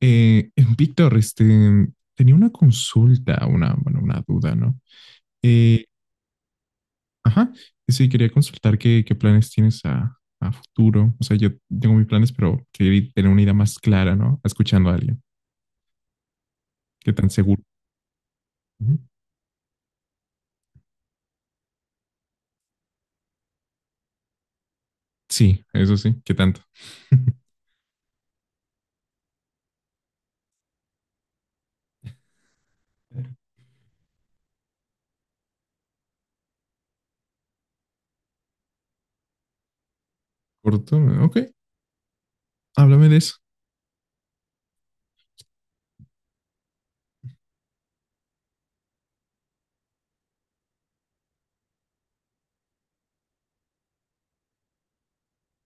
Eh, Víctor, este, tenía una consulta, una, bueno, una duda, ¿no? Eh, ajá, sí, quería consultar qué planes tienes a futuro. O sea, yo tengo mis planes, pero quería tener una idea más clara, ¿no? Escuchando a alguien. ¿Qué tan seguro? Ujú. Sí, eso sí, ¿qué tanto? Corto, ok, háblame de eso.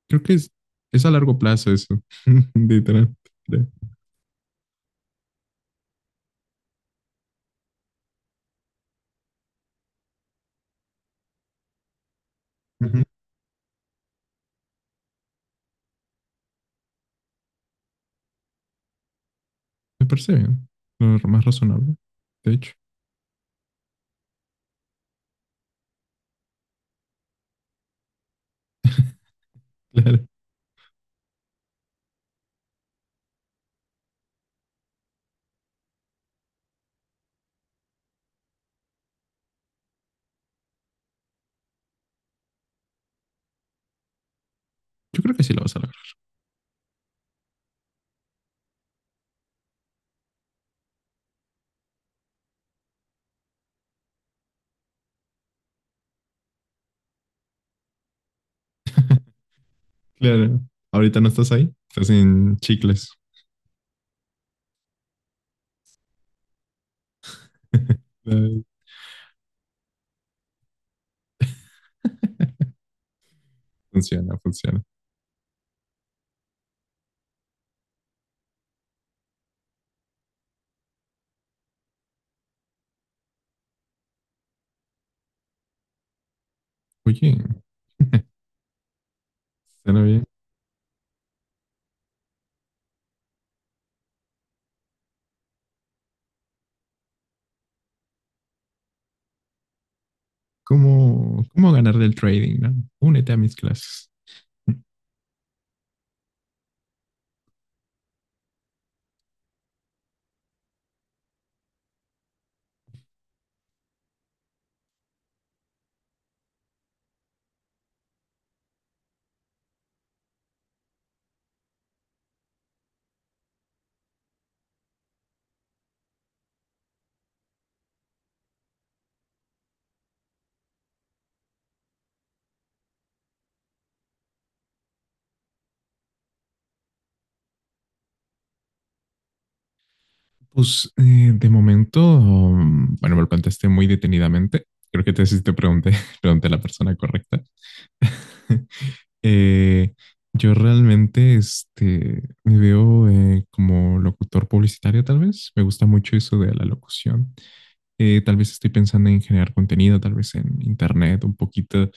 Creo que es a largo plazo eso, literal. Ya. Ujú. Me parece bien, lo más razonable, de hecho. Claro. Yo creo que sí lo vas a lograr. Claro. Ahorita no estás ahí, estás en chicles. Ay, funciona, funciona. Oye, suena bien. ¿Cómo ganar del trading, no? Únete a mis clases. Pues de momento, bueno, me lo planteaste muy detenidamente. Creo que te sí te pregunté, pregunté a la persona correcta. Eh, yo realmente este, me veo como locutor publicitario, tal vez. Me gusta mucho eso de la locución. Tal vez estoy pensando en generar contenido, tal vez en internet, un poquito.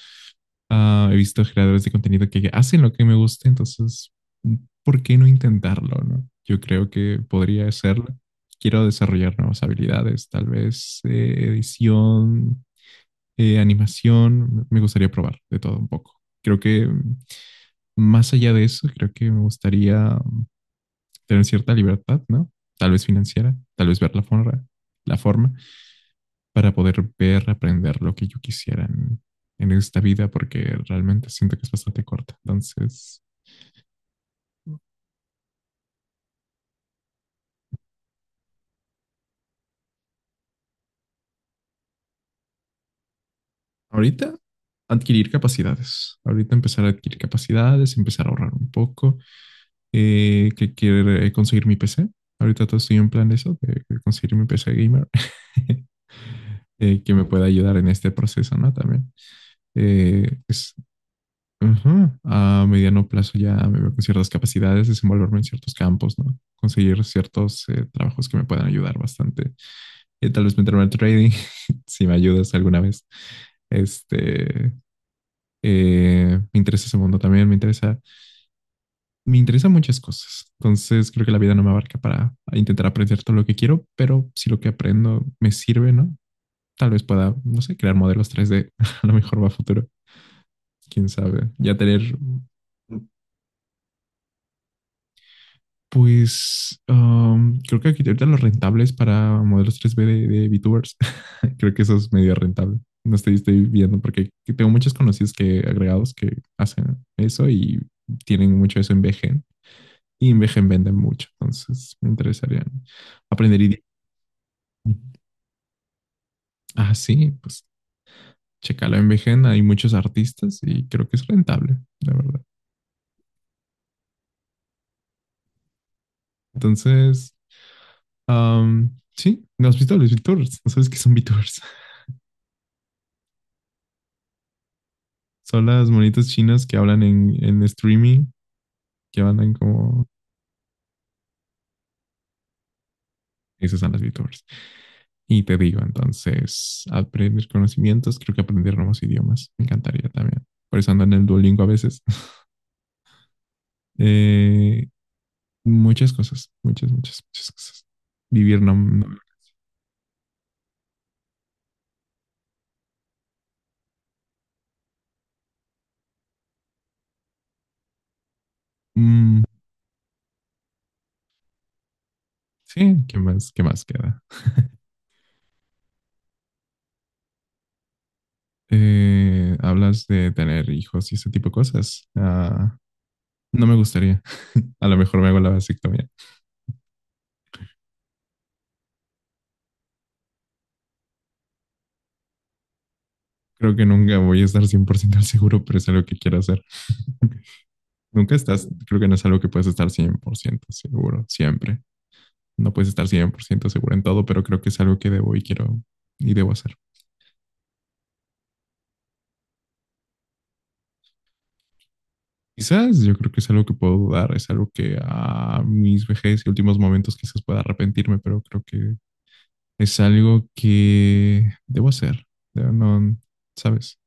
Ah, he visto creadores de contenido que hacen lo que me gusta, entonces, ¿por qué no intentarlo, no? Yo creo que podría hacerlo. Quiero desarrollar nuevas habilidades, tal vez edición, animación. Me gustaría probar de todo un poco. Creo que más allá de eso, creo que me gustaría tener cierta libertad, ¿no? Tal vez financiera, tal vez ver la forma, la forma para poder ver, aprender lo que yo quisiera en esta vida, porque realmente siento que es bastante corta. Entonces, ahorita adquirir capacidades. Ahorita empezar a adquirir capacidades, empezar a ahorrar un poco, que quiero conseguir mi PC. Ahorita todo estoy en plan de eso, de conseguir mi PC gamer, que me pueda ayudar en este proceso, ¿no? También es. Ajá. A mediano plazo ya me veo con ciertas capacidades, desenvolverme en ciertos campos, ¿no? Conseguir ciertos trabajos que me puedan ayudar bastante. Tal vez meterme al trading, si me ayudas alguna vez. Este, me interesa ese mundo también, me interesa, me interesan muchas cosas. Entonces creo que la vida no me abarca para intentar aprender todo lo que quiero, pero si lo que aprendo me sirve, ¿no? Tal vez pueda, no sé, crear modelos 3D, a lo mejor va a futuro, quién sabe. Ya tener. Pues creo que aquí ahorita lo rentable es para modelos 3B de VTubers. Creo que eso es medio rentable. No estoy viendo porque tengo muchos conocidos que agregados que hacen eso y tienen mucho eso en VGen. Y en VGen venden mucho. Entonces me interesaría aprender idiomas. Ah, sí, pues checalo en VGen. Hay muchos artistas y creo que es rentable, la verdad. Entonces, sí, ¿no has visto los VTubers? ¿No sabes qué son VTubers? Son las monitas chinas que hablan en streaming, que andan como... Esas son las VTubers. Y te digo, entonces, aprender conocimientos, creo que aprender nuevos idiomas, me encantaría también. Por eso ando en el Duolingo a veces. Eh, Muchas cosas, muchas, muchas, muchas cosas. Vivir no. Mm, sí, ¿qué más, queda? Hablas de tener hijos y ese tipo de cosas. Ah, no me gustaría. A lo mejor me hago la vasectomía. Creo que nunca voy a estar 100% seguro, pero es algo que quiero hacer. Ok. Nunca estás, creo que no es algo que puedes estar 100% seguro, siempre. No puedes estar 100% seguro en todo, pero creo que es algo que debo y quiero y debo hacer. Quizás yo creo que es algo que puedo dudar, es algo que a mis vejez y últimos momentos quizás pueda arrepentirme, pero creo que es algo que debo hacer. No, ¿sabes?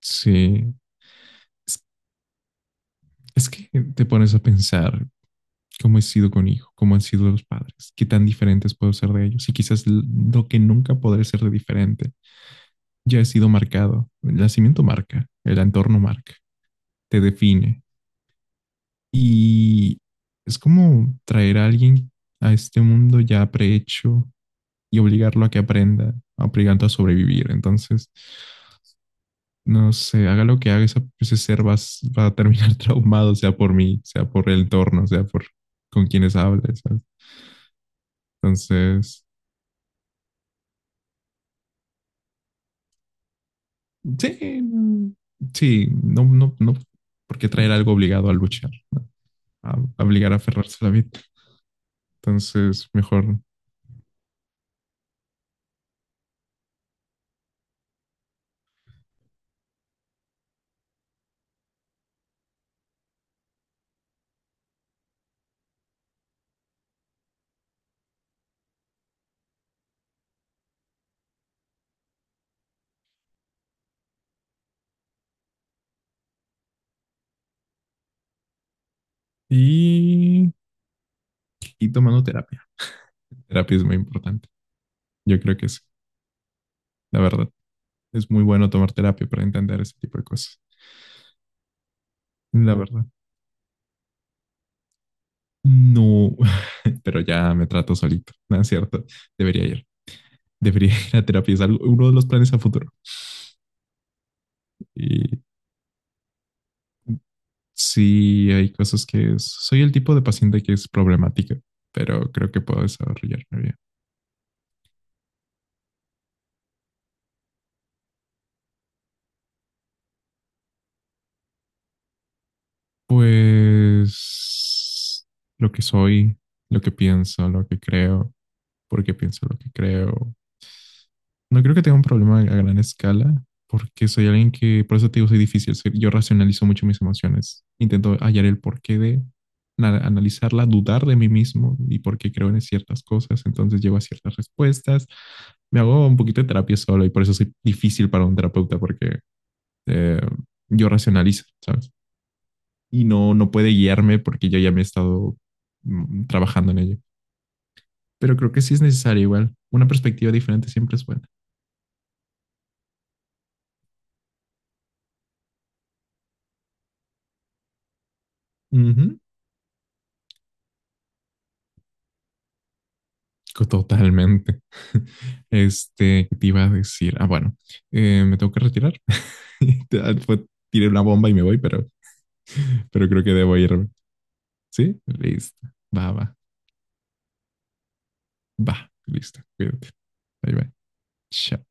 Sí. Es, es que te pones a pensar cómo he sido con hijo, cómo han sido los padres, qué tan diferentes puedo ser de ellos y quizás lo que nunca podré ser de diferente ya he sido marcado. El nacimiento marca, el entorno marca, te define. Y es como traer a alguien a este mundo ya prehecho y obligarlo a que aprenda, obligando a sobrevivir. Entonces, no sé, haga lo que haga, ese ser va a terminar traumado, sea por mí, sea por el entorno, sea por con quienes hable, ¿sabes? Entonces, sí, sí, no, no, no, ¿por qué traer algo obligado a luchar? ¿No? A, a obligar a aferrarse a la vida. Entonces, mejor. Y, y tomando terapia. Terapia es muy importante. Yo creo que sí, la verdad. Es muy bueno tomar terapia para entender ese tipo de cosas. La verdad. No, pero ya me trato solito. No es cierto. Debería ir. Debería ir a terapia. Uno de los planes a futuro. Y sí, hay cosas que soy el tipo de paciente que es problemática, pero creo que puedo desarrollarme bien. Pues lo que soy, lo que pienso, lo que creo, porque pienso lo que creo. No creo que tenga un problema a gran escala, porque soy alguien que, por eso te digo, soy difícil. Yo racionalizo mucho mis emociones. Intento hallar el porqué de analizarla, dudar de mí mismo y por qué creo en ciertas cosas. Entonces llego a ciertas respuestas. Me hago un poquito de terapia solo y por eso soy difícil para un terapeuta, porque eh, yo racionalizo, ¿sabes? Y no, no puede guiarme porque yo ya me he estado trabajando en ello. Pero creo que sí es necesario igual. Una perspectiva diferente siempre es buena. Ujú, totalmente. Este, ¿qué te iba a decir? Ah, bueno, me tengo que retirar. Ah, tiré una bomba y me voy, pero, creo que debo irme. ¿Sí? Listo. Va, va, va. Listo. Cuídate. Bye, bye. Chao.